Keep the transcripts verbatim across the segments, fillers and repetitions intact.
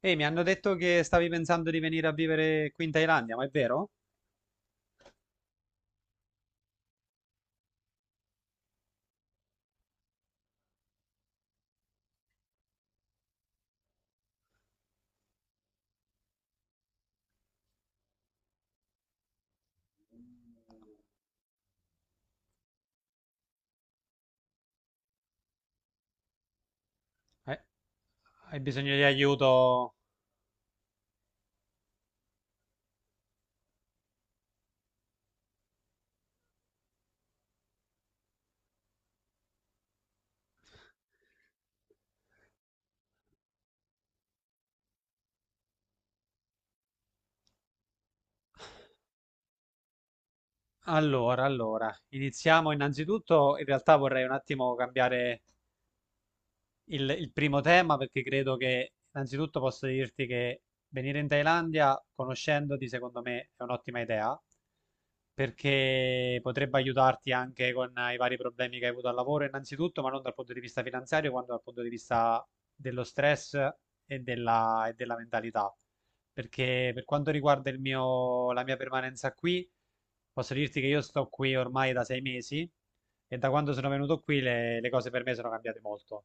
Ehi, mi hanno detto che stavi pensando di venire a vivere qui in Thailandia, ma è vero? Eh, Hai bisogno di aiuto? Allora, allora, iniziamo innanzitutto. In realtà vorrei un attimo cambiare il, il primo tema, perché credo che innanzitutto posso dirti che venire in Thailandia conoscendoti secondo me è un'ottima idea, perché potrebbe aiutarti anche con eh, i vari problemi che hai avuto al lavoro innanzitutto, ma non dal punto di vista finanziario quanto dal punto di vista dello stress e della, e della mentalità, perché per quanto riguarda il mio, la mia permanenza qui posso dirti che io sto qui ormai da sei mesi, e da quando sono venuto qui le, le cose per me sono cambiate molto,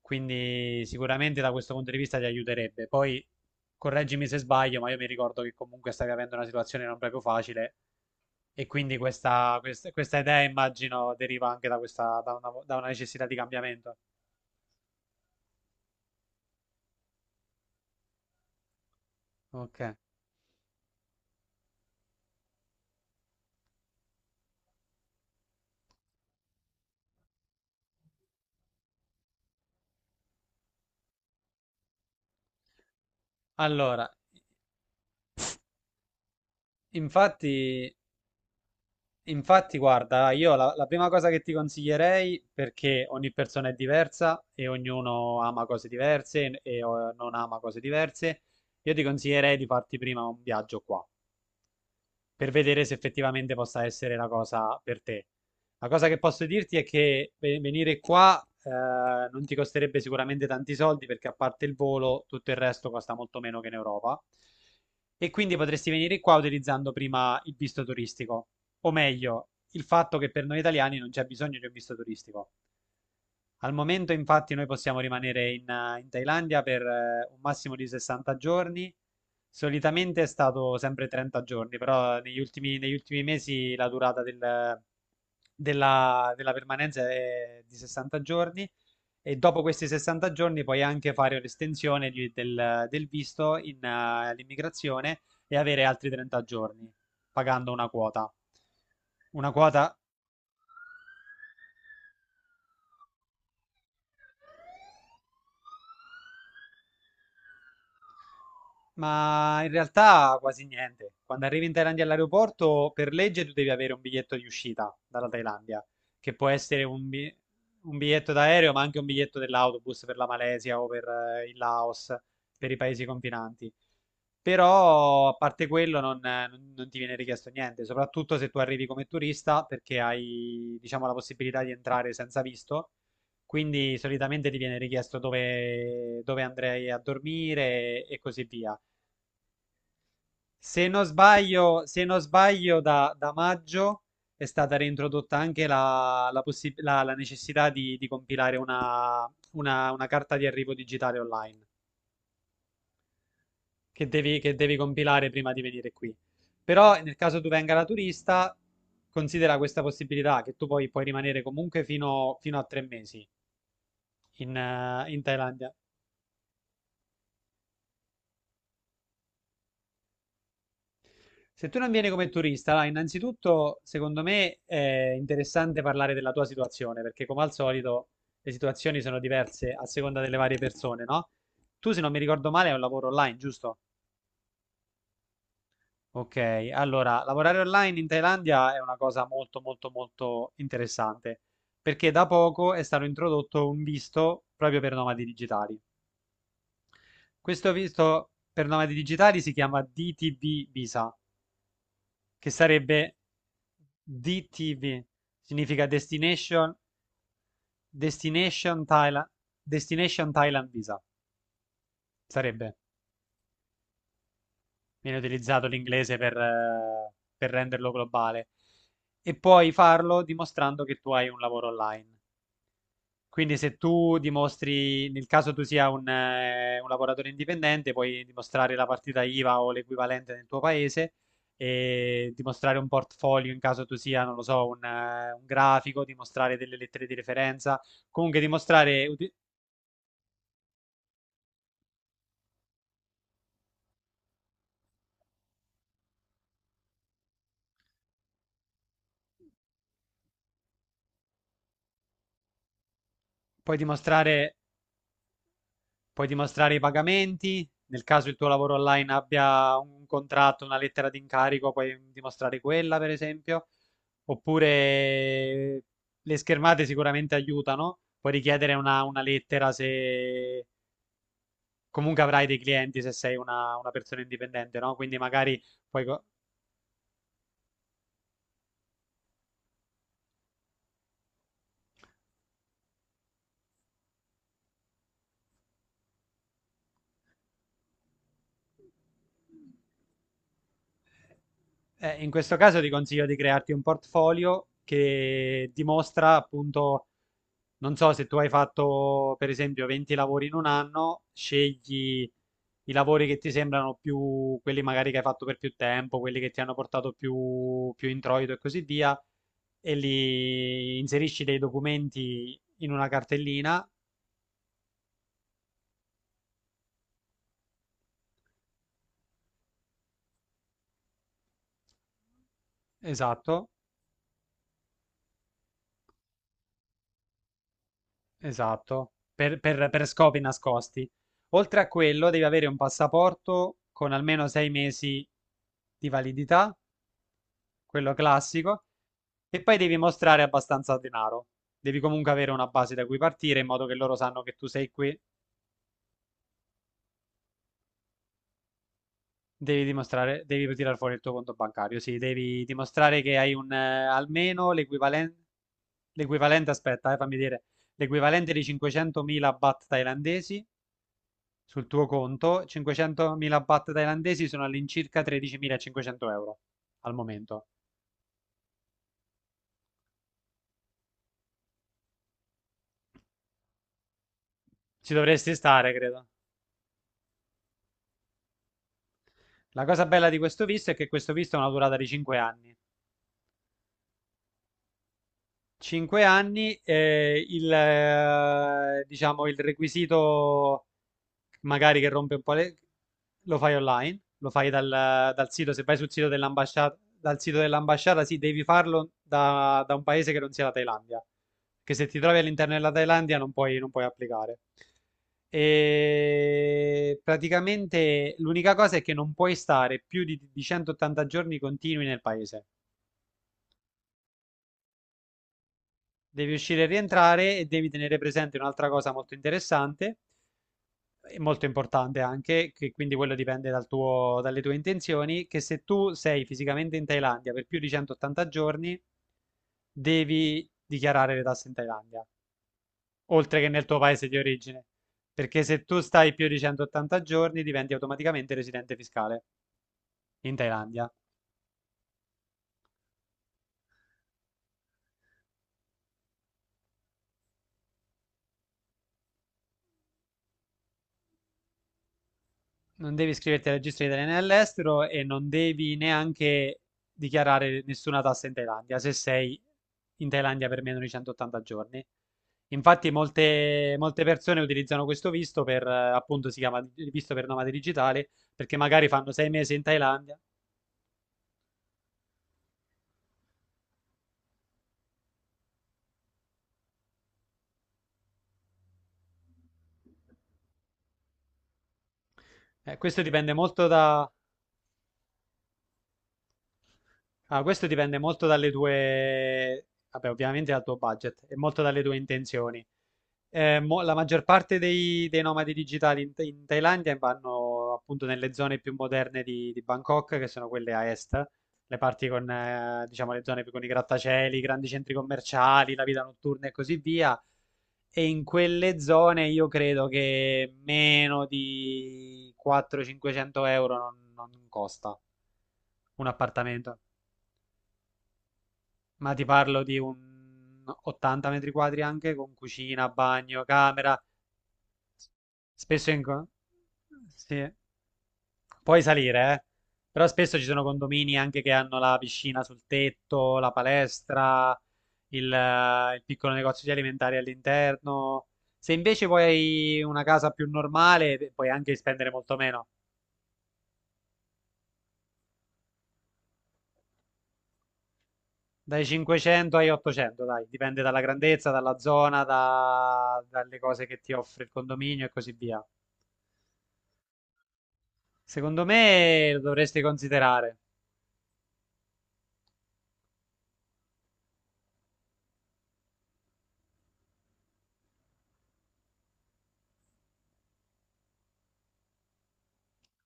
quindi sicuramente da questo punto di vista ti aiuterebbe. Poi correggimi se sbaglio, ma io mi ricordo che comunque stavi avendo una situazione non proprio facile, e quindi questa, quest- questa idea immagino deriva anche da questa, da una, da una necessità di cambiamento. Ok. Allora, infatti, infatti guarda, io la, la prima cosa che ti consiglierei, perché ogni persona è diversa e ognuno ama cose diverse e, e, eh, non ama cose diverse, io ti consiglierei di farti prima un viaggio qua per vedere se effettivamente possa essere la cosa per te. La cosa che posso dirti è che ve- venire qua eh, non ti costerebbe sicuramente tanti soldi, perché a parte il volo tutto il resto costa molto meno che in Europa, e quindi potresti venire qua utilizzando prima il visto turistico, o meglio, il fatto che per noi italiani non c'è bisogno di un visto turistico. Al momento, infatti, noi possiamo rimanere in, eh, in Thailandia per eh, un massimo di sessanta giorni. Solitamente è stato sempre trenta giorni, però negli ultimi, negli ultimi mesi la durata del- della, della permanenza è di sessanta giorni, e dopo questi sessanta giorni puoi anche fare un'estensione di- del, del visto in, eh, all'immigrazione e avere altri trenta giorni pagando una quota. Una quota. Ma in realtà quasi niente. Quando arrivi in Thailandia all'aeroporto, per legge tu devi avere un biglietto di uscita dalla Thailandia, che può essere un, bi- un biglietto d'aereo, ma anche un biglietto dell'autobus per la Malesia o per eh, il Laos, per i paesi confinanti. Però, a parte quello, non, eh, non- non ti viene richiesto niente, soprattutto se tu arrivi come turista, perché hai, diciamo, la possibilità di entrare senza visto. Quindi solitamente ti viene richiesto dove, dove andrei a dormire, e e così via. Se non sbaglio, se non sbaglio da, da maggio è stata reintrodotta anche la, la possi- la- la necessità di, di compilare una, una- una carta di arrivo digitale online, che devi, che devi compilare prima di venire qui. Però nel caso tu venga da turista, considera questa possibilità che tu poi puoi rimanere comunque fino, fino a tre mesi in eh, in Thailandia. Se tu non vieni come turista, là, innanzitutto, secondo me è interessante parlare della tua situazione, perché come al solito le situazioni sono diverse a seconda delle varie persone, no? Tu, se non mi ricordo male, hai un lavoro online, giusto? Ok, allora, lavorare online in Thailandia è una cosa molto, molto, molto interessante, perché da poco è stato introdotto un visto proprio per nomadi digitali. Questo visto per nomadi digitali si chiama D T B Visa, che sarebbe D T V, significa Destination, Destination Thailand, Destination Thailand Visa, sarebbe, viene utilizzato l'inglese per, eh, per renderlo globale, e puoi farlo dimostrando che tu hai un lavoro online. Quindi se tu dimostri, nel caso tu sia un, eh, un lavoratore indipendente, puoi dimostrare la partita IVA o l'equivalente nel tuo paese, e dimostrare un portfolio in caso tu sia, non lo so, un, eh, un grafico, dimostrare delle lettere di referenza, comunque dimostrare, uti- puoi dimostrare puoi dimostrare i pagamenti. Nel caso il tuo lavoro online abbia un contratto, una lettera di incarico, puoi dimostrare quella, per esempio. Oppure le schermate sicuramente aiutano, puoi richiedere una, una lettera se comunque avrai dei clienti, se sei una, una persona indipendente, no? Quindi magari puoi co- Eh, in questo caso ti consiglio di crearti un portfolio che dimostra appunto, non so se tu hai fatto per esempio venti lavori in un anno, scegli i lavori che ti sembrano più, quelli magari che hai fatto per più tempo, quelli che ti hanno portato più, più introito e così via, e li inserisci dei documenti in una cartellina. Esatto. Esatto, per, per- per scopi nascosti. Oltre a quello, devi avere un passaporto con almeno sei mesi di validità, quello classico, e poi devi mostrare abbastanza denaro. Devi comunque avere una base da cui partire, in modo che loro sanno che tu sei qui. Devi dimostrare, devi tirare fuori il tuo conto bancario, sì, devi dimostrare che hai un, eh, almeno l'equivalente, l'equivalente, aspetta, eh, fammi dire, l'equivalente di cinquecentomila baht thailandesi sul tuo conto. cinquecentomila baht thailandesi sono all'incirca tredicimilacinquecento euro al momento. Ci dovresti stare, credo. La cosa bella di questo visto è che questo visto ha una durata di cinque anni. cinque anni. Eh, il, eh, diciamo, il requisito magari che rompe un po' le. Lo fai online, lo fai dal, dal sito, se vai sul sito dell'ambasciata, dal sito dell'ambasciata, sì, devi farlo da, da un paese che non sia la Thailandia, che se ti trovi all'interno della Thailandia non puoi, non puoi applicare. E praticamente l'unica cosa è che non puoi stare più di, di centottanta giorni continui nel paese. Devi uscire e rientrare, e devi tenere presente un'altra cosa molto interessante e molto importante anche, che quindi quello dipende dal tuo- dalle tue intenzioni, che se tu sei fisicamente in Thailandia per più di centottanta giorni, devi dichiarare le tasse in Thailandia, oltre che nel tuo paese di origine, perché se tu stai più di centottanta giorni diventi automaticamente residente fiscale in Thailandia. Non devi iscriverti al registro di italiani all'estero, e non devi neanche dichiarare nessuna tassa in Thailandia se sei in Thailandia per meno di centottanta giorni. Infatti molte, molte persone utilizzano questo visto per, eh, appunto, si chiama visto per nomadi digitali, perché magari fanno sei mesi in Thailandia. Eh, questo dipende molto da. Ah, questo dipende molto dalle tue, vabbè, ovviamente dal tuo budget e molto dalle tue intenzioni. Eh, mo- la maggior parte dei, dei nomadi digitali in, in Thailandia vanno appunto nelle zone più moderne di, di Bangkok, che sono quelle a est, le parti con, eh, diciamo, le zone più con i grattacieli, i grandi centri commerciali, la vita notturna e così via. E in quelle zone io credo che meno di quattrocento-cinquecento euro non non costa un appartamento. Ma ti parlo di un ottanta metri quadri anche con cucina, bagno, camera. Spesso in... co- Sì, puoi salire, eh. Però spesso ci sono condomini anche che hanno la piscina sul tetto, la palestra, il, eh, il piccolo negozio di alimentari all'interno. Se invece vuoi una casa più normale, beh, puoi anche spendere molto meno. Dai cinquecento ai ottocento, dai, dipende dalla grandezza, dalla zona, da- dalle cose che ti offre il condominio e così via. Secondo me lo dovresti considerare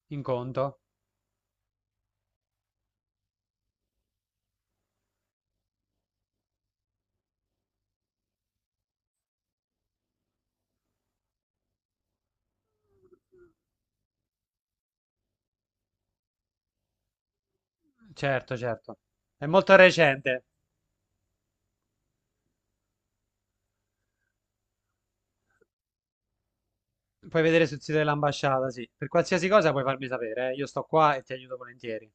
in conto. Certo, certo. È molto recente. Puoi vedere sul sito dell'ambasciata, sì. Per qualsiasi cosa puoi farmi sapere, eh. Io sto qua e ti aiuto volentieri.